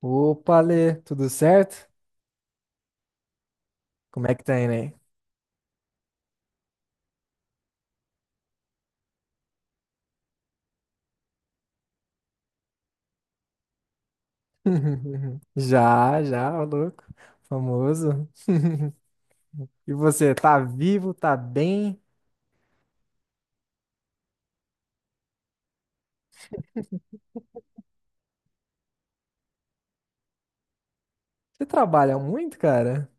Opa, Lê, tudo certo? Como é que tá indo aí? Já, já, ô louco. Famoso. E você, tá vivo, tá bem? Você trabalha muito, cara?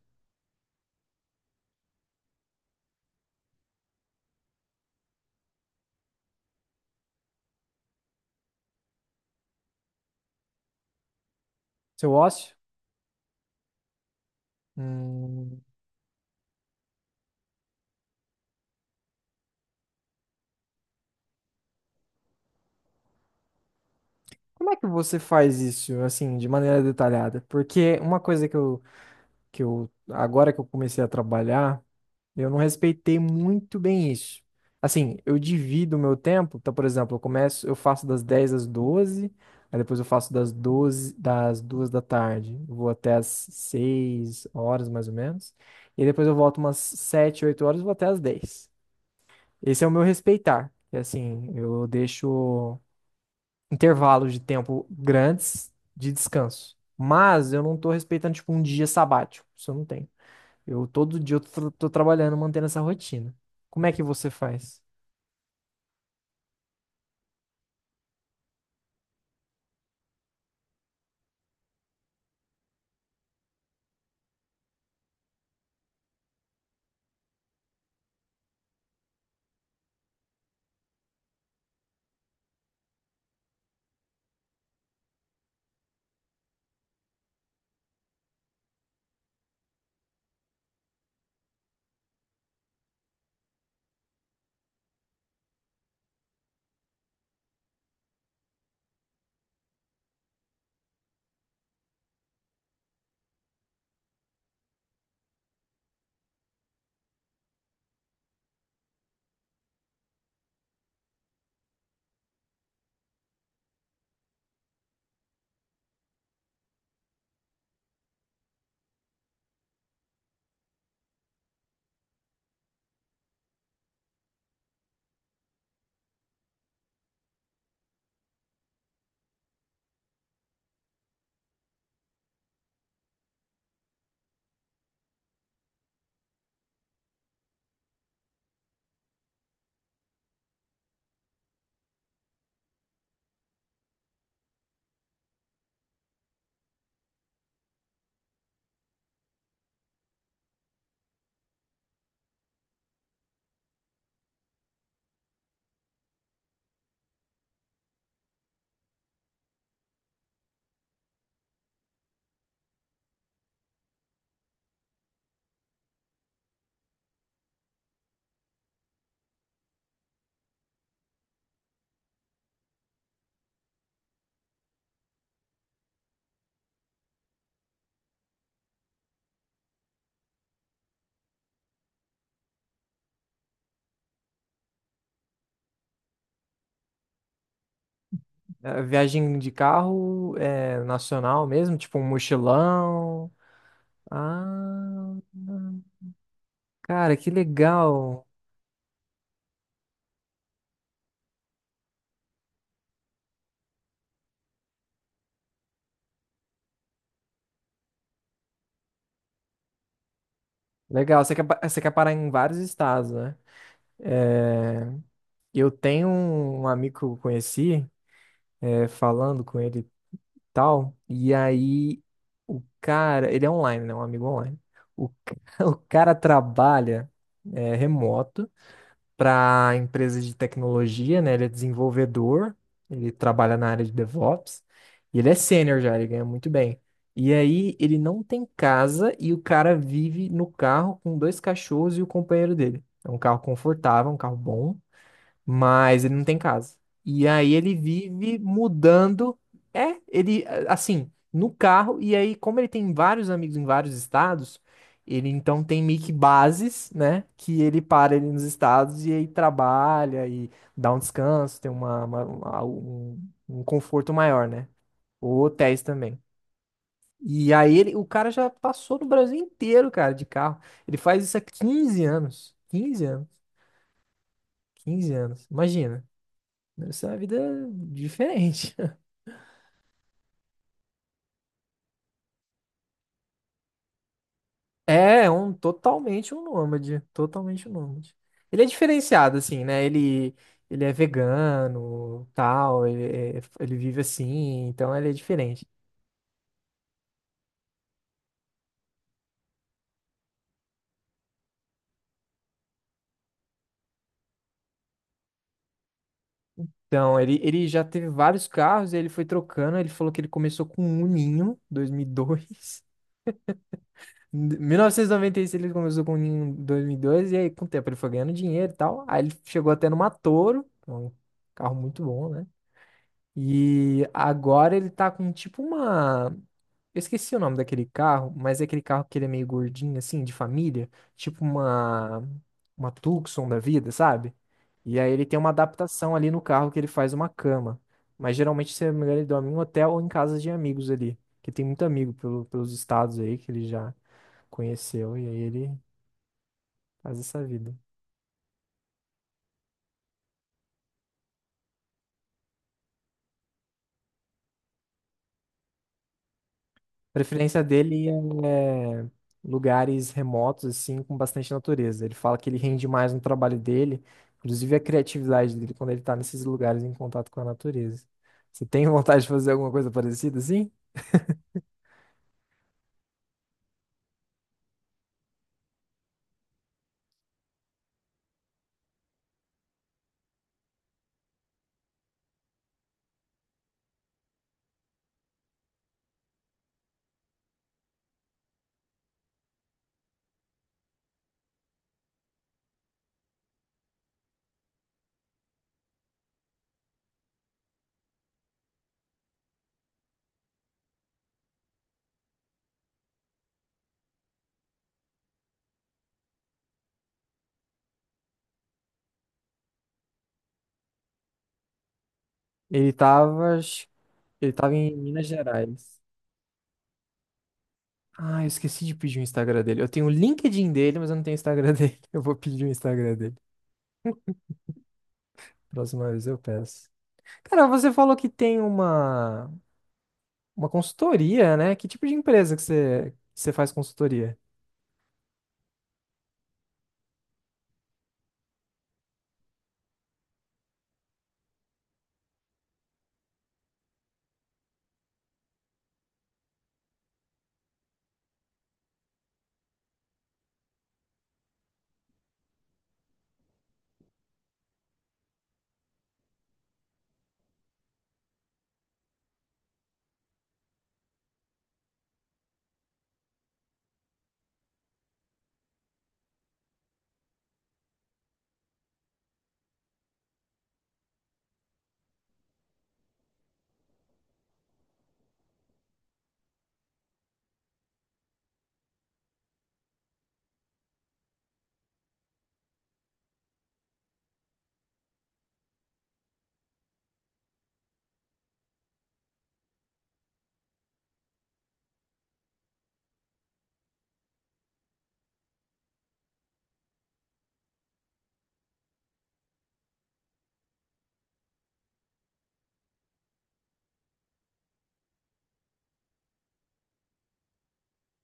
Seu ócio? Hum, como é que você faz isso, assim, de maneira detalhada? Porque uma coisa que eu, agora que eu comecei a trabalhar, eu não respeitei muito bem isso. Assim, eu divido o meu tempo. Então, por exemplo, eu faço das 10 às 12. Aí depois eu faço das 12 das 2 da tarde. Eu vou até às 6 horas, mais ou menos. E depois eu volto umas 7, 8 horas e vou até às 10. Esse é o meu respeitar. É assim, eu deixo intervalos de tempo grandes de descanso. Mas eu não tô respeitando, tipo, um dia sabático. Isso eu não tenho. Eu todo dia eu tô trabalhando, mantendo essa rotina. Como é que você faz? É, viagem de carro é nacional mesmo, tipo um mochilão. Ah, cara, que legal. Legal, você quer, você quer parar em vários estados, né? Eu tenho um amigo que eu conheci, é, falando com ele e tal, e aí o cara, ele é online, né? Um amigo online. O, ca- o cara trabalha, é, remoto. Para empresa de tecnologia, né? Ele é desenvolvedor, ele trabalha na área de DevOps e ele é sênior já, ele ganha muito bem. E aí ele não tem casa e o cara vive no carro com dois cachorros e o companheiro dele. É um carro confortável, um carro bom, mas ele não tem casa. E aí ele vive mudando. É, ele assim, no carro, e aí, como ele tem vários amigos em vários estados, ele então tem meio que bases, né? Que ele para ali nos estados e aí trabalha e dá um descanso, tem um conforto maior, né? Ou hotéis também. E aí ele, o cara já passou no Brasil inteiro, cara, de carro. Ele faz isso há 15 anos. 15 anos. 15 anos. Imagina. Deve ser uma vida diferente. É, é um totalmente um nômade, totalmente um nômade. Ele é diferenciado assim, né? Ele é vegano, tal, ele vive assim, então ele é diferente. Então, ele já teve vários carros, ele foi trocando, ele falou que ele começou com um Ninho, 2002. Em mil novecentos e noventa e seis ele começou com um Ninho em dois e aí com o tempo ele foi ganhando dinheiro e tal. Aí ele chegou até numa Toro, que é um carro muito bom, né? E agora ele tá com tipo uma. Eu esqueci o nome daquele carro, mas é aquele carro que ele é meio gordinho, assim, de família. Tipo uma. Uma Tucson da vida, sabe? E aí ele tem uma adaptação ali no carro que ele faz uma cama. Mas geralmente, se não me engano, ele dorme em um hotel ou em casa de amigos ali. Que tem muito amigo pelos estados aí que ele já conheceu. E aí ele faz essa vida. Preferência dele é lugares remotos, assim, com bastante natureza. Ele fala que ele rende mais no trabalho dele, inclusive a criatividade dele quando ele tá nesses lugares em contato com a natureza. Você tem vontade de fazer alguma coisa parecida assim? Ele tava, acho- Ele tava em Minas Gerais. Ah, eu esqueci de pedir o Instagram dele. Eu tenho o LinkedIn dele, mas eu não tenho o Instagram dele. Eu vou pedir o Instagram dele. Próxima vez eu peço. Cara, você falou que tem uma consultoria, né? Que tipo de empresa que você faz consultoria?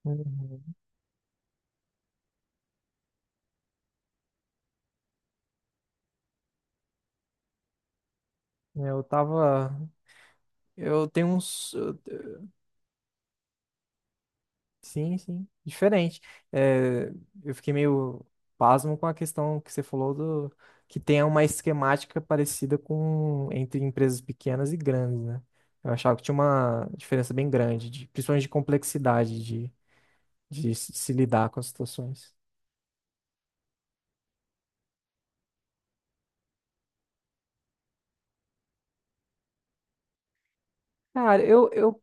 Uhum. Eu tava. Eu tenho uns. Eu- Sim, sim. Diferente. É, eu fiquei meio pasmo com a questão que você falou do. Que tem uma esquemática parecida com entre empresas pequenas e grandes, né? Eu achava que tinha uma diferença bem grande, de, principalmente de complexidade de se lidar com as situações. Cara,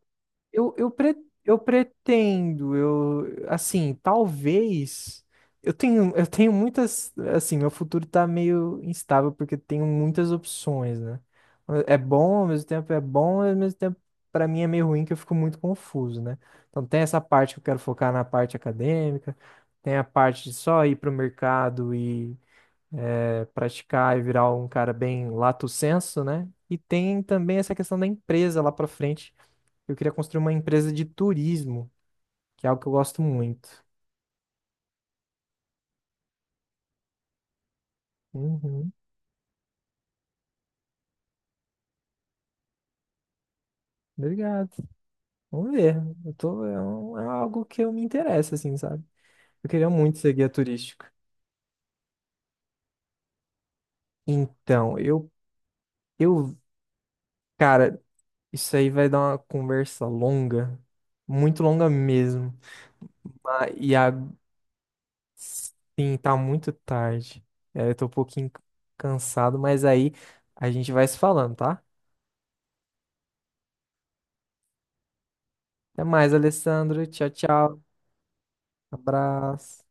Eu, pre, Eu pretendo, eu, assim, talvez. Eu tenho muitas. Assim, meu futuro tá meio instável porque tenho muitas opções, né? É bom, ao mesmo tempo é bom, ao mesmo tempo, pra mim é meio ruim que eu fico muito confuso, né? Então, tem essa parte que eu quero focar na parte acadêmica, tem a parte de só ir pro mercado e é, praticar e virar um cara bem lato senso, né? E tem também essa questão da empresa lá pra frente, eu queria construir uma empresa de turismo, que é algo que eu gosto muito. Uhum, obrigado. Vamos ver. Eu tô, é, um- é algo que eu me interessa, assim, sabe? Eu queria muito ser guia turístico. Então, eu, cara, isso aí vai dar uma conversa longa, muito longa mesmo. Ah, E a, sim, tá muito tarde. É, eu tô um pouquinho cansado, mas aí a gente vai se falando, tá? Até mais, Alessandro. Tchau, tchau. Abraço.